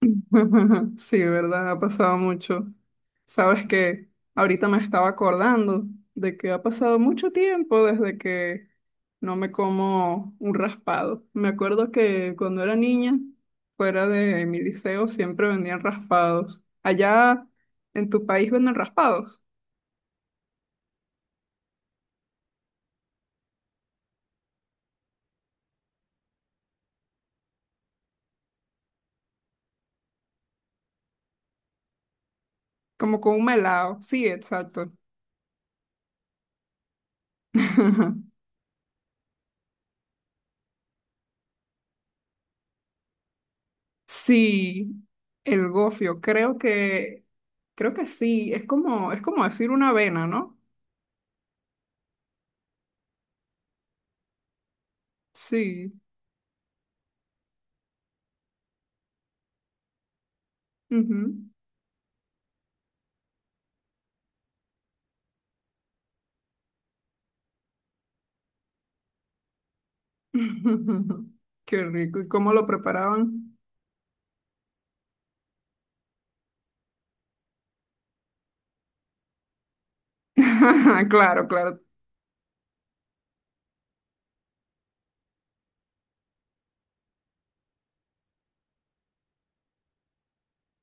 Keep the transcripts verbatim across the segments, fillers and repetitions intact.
Sí, verdad, ha pasado mucho. Sabes que ahorita me estaba acordando de que ha pasado mucho tiempo desde que no me como un raspado. Me acuerdo que cuando era niña, fuera de mi liceo, siempre vendían raspados. Allá en tu país venden raspados, como con un melado. Sí, exacto. Sí, el gofio, creo que, creo que sí. Es como, es como decir una avena, ¿no? Sí. ujú. Qué rico. ¿Y cómo lo preparaban? Claro, claro.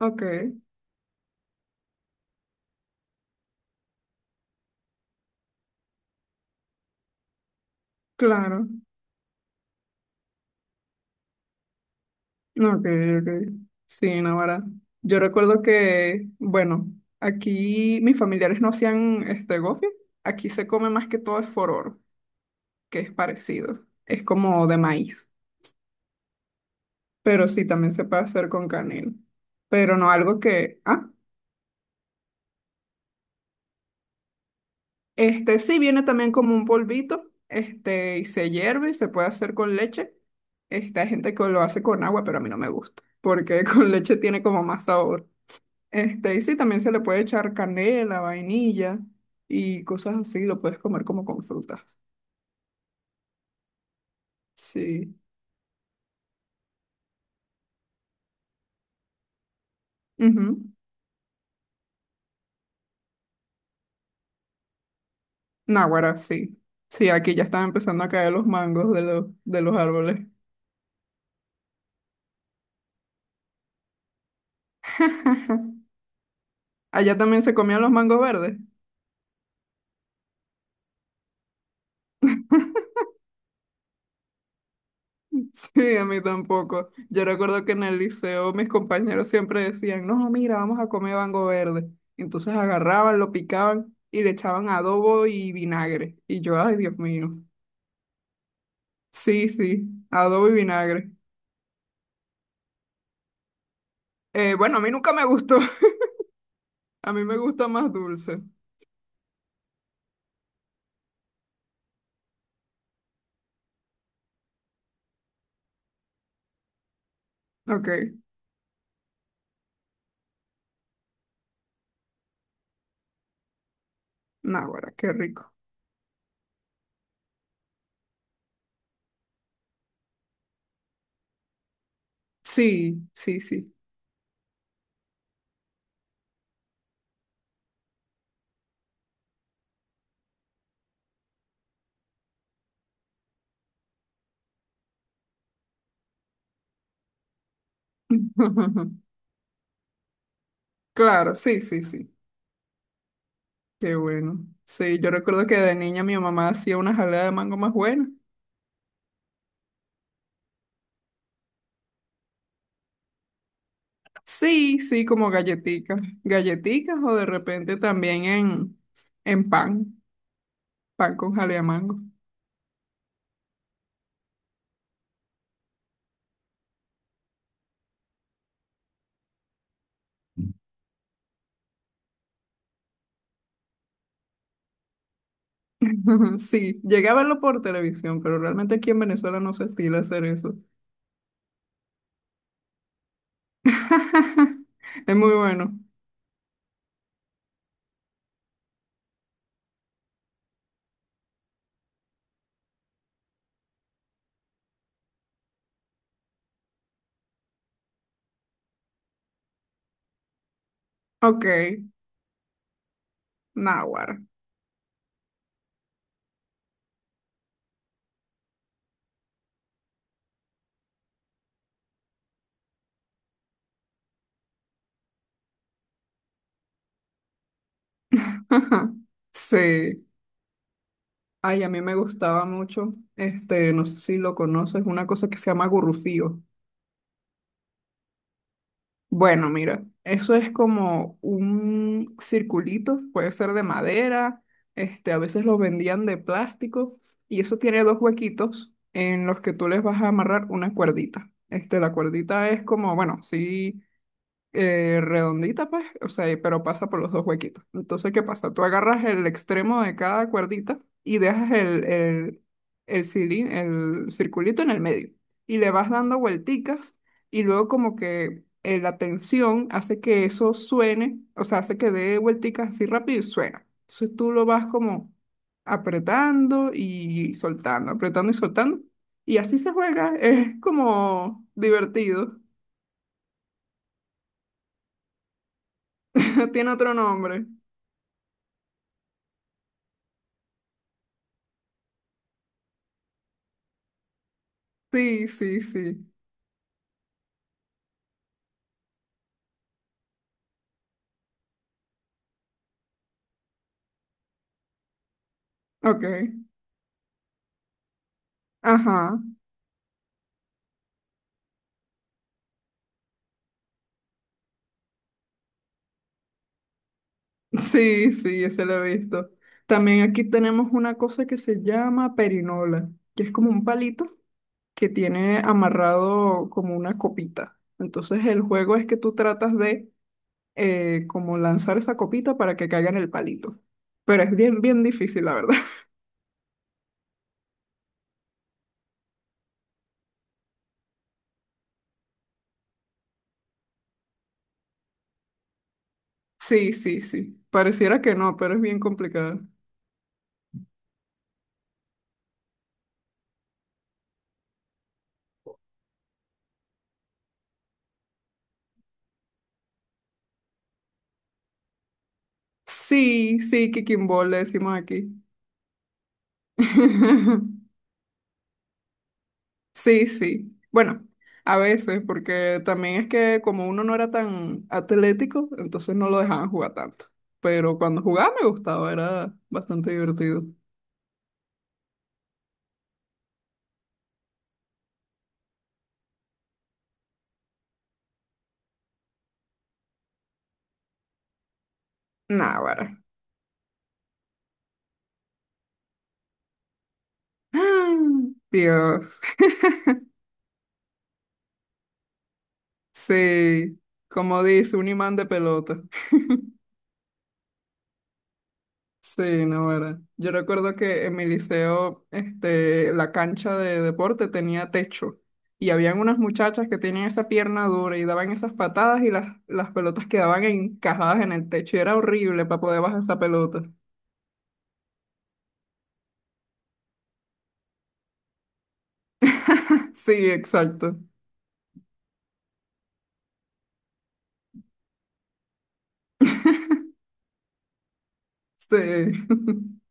Ok, claro. Ok, ok. Sí, Navarra. Yo recuerdo que, bueno, aquí mis familiares no hacían este gofio. Aquí se come más que todo es fororo, que es parecido. Es como de maíz. Pero sí, también se puede hacer con canela. Pero no algo que. ¿Ah? Este sí viene también como un polvito, este, y se hierve y se puede hacer con leche. Este, hay gente que lo hace con agua, pero a mí no me gusta, porque con leche tiene como más sabor. Este, y sí, también se le puede echar canela, vainilla y cosas así, lo puedes comer como con frutas. Sí. Ujú. Náguara, sí. Sí, aquí ya están empezando a caer los mangos de los, de los árboles. Allá también se comían los mangos verdes. Sí, a mí tampoco. Yo recuerdo que en el liceo mis compañeros siempre decían, no, mira, vamos a comer bango verde. Entonces agarraban, lo picaban y le echaban adobo y vinagre. Y yo, ay, Dios mío. Sí, sí, adobo y vinagre. Eh, bueno, a mí nunca me gustó. A mí me gusta más dulce. Ok, náguara, qué rico. Sí, sí, sí. Claro, sí, sí, sí. Qué bueno. Sí, yo recuerdo que de niña mi mamá hacía una jalea de mango más buena. Sí, sí, como galletitas, galletitas o de repente también en, en pan, pan con jalea mango. Sí, llegué a verlo por televisión, pero realmente aquí en Venezuela no se estila hacer eso. Es muy bueno. Ok, náguara. Sí. Ay, a mí me gustaba mucho, este, no sé si lo conoces, una cosa que se llama gurrufío. Bueno, mira, eso es como un circulito, puede ser de madera, este, a veces lo vendían de plástico, y eso tiene dos huequitos en los que tú les vas a amarrar una cuerdita. Este, la cuerdita es como, bueno, sí eh, redondita, pues, o sea, pero pasa por los dos huequitos. Entonces, ¿qué pasa? Tú agarras el extremo de cada cuerdita y dejas el, el, el, cilí- el circulito en el medio y le vas dando vuelticas y luego como que eh, la tensión hace que eso suene, o sea, hace que dé vuelticas así rápido y suena. Entonces tú lo vas como apretando y soltando, apretando y soltando. Y así se juega, es como divertido. Tiene otro nombre. Sí, sí, sí. Ok. Ajá. Sí, sí, ese lo he visto. También aquí tenemos una cosa que se llama perinola, que es como un palito que tiene amarrado como una copita. Entonces el juego es que tú tratas de eh, como lanzar esa copita para que caiga en el palito. Pero es bien, bien difícil, la verdad. Sí, sí, sí. Pareciera que no, pero es bien complicado. Sí, sí, kicking ball le decimos aquí. Sí, sí. Bueno, a veces, porque también es que como uno no era tan atlético, entonces no lo dejaban jugar tanto. Pero cuando jugaba me gustaba, era bastante divertido. Náguara. Dios. Sí, como dice, un imán de pelota. Sí, no era. Yo recuerdo que en mi liceo, este, la cancha de deporte tenía techo y habían unas muchachas que tenían esa pierna dura y daban esas patadas y las, las pelotas quedaban encajadas en el techo y era horrible para poder bajar esa pelota. Sí, exacto. Sí.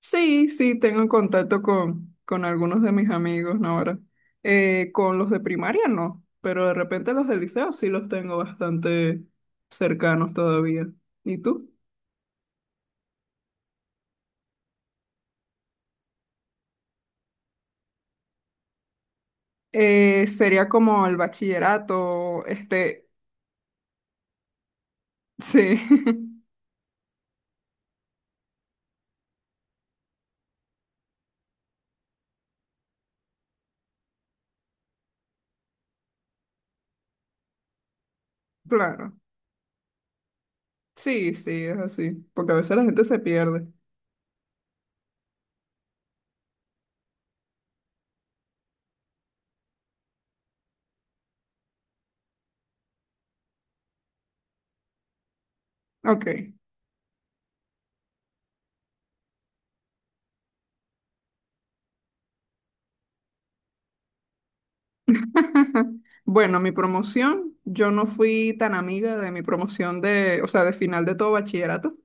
Sí, sí, tengo en contacto con, con algunos de mis amigos ¿no? ahora. Eh, con los de primaria no, pero de repente los del liceo sí los tengo bastante cercanos todavía. ¿Y tú? Eh, sería como el bachillerato, este, sí, claro. Sí, sí, es así, porque a veces la gente se pierde. Ok. Bueno, mi promoción, yo no fui tan amiga de mi promoción de, o sea, de final de todo bachillerato.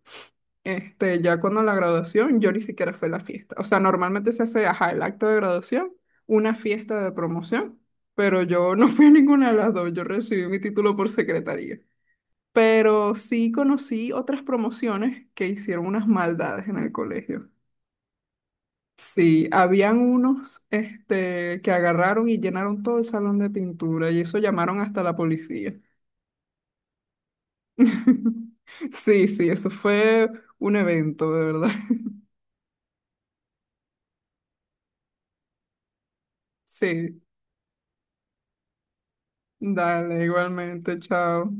Este, ya cuando la graduación, yo ni siquiera fui a la fiesta. O sea, normalmente se hace, ajá, el acto de graduación, una fiesta de promoción, pero yo no fui a ninguna de las dos. Yo recibí mi título por secretaría. Pero sí conocí otras promociones que hicieron unas maldades en el colegio. Sí, habían unos, este, que agarraron y llenaron todo el salón de pintura y eso llamaron hasta la policía. Sí, sí, eso fue un evento, de verdad. Sí. Dale, igualmente, chao.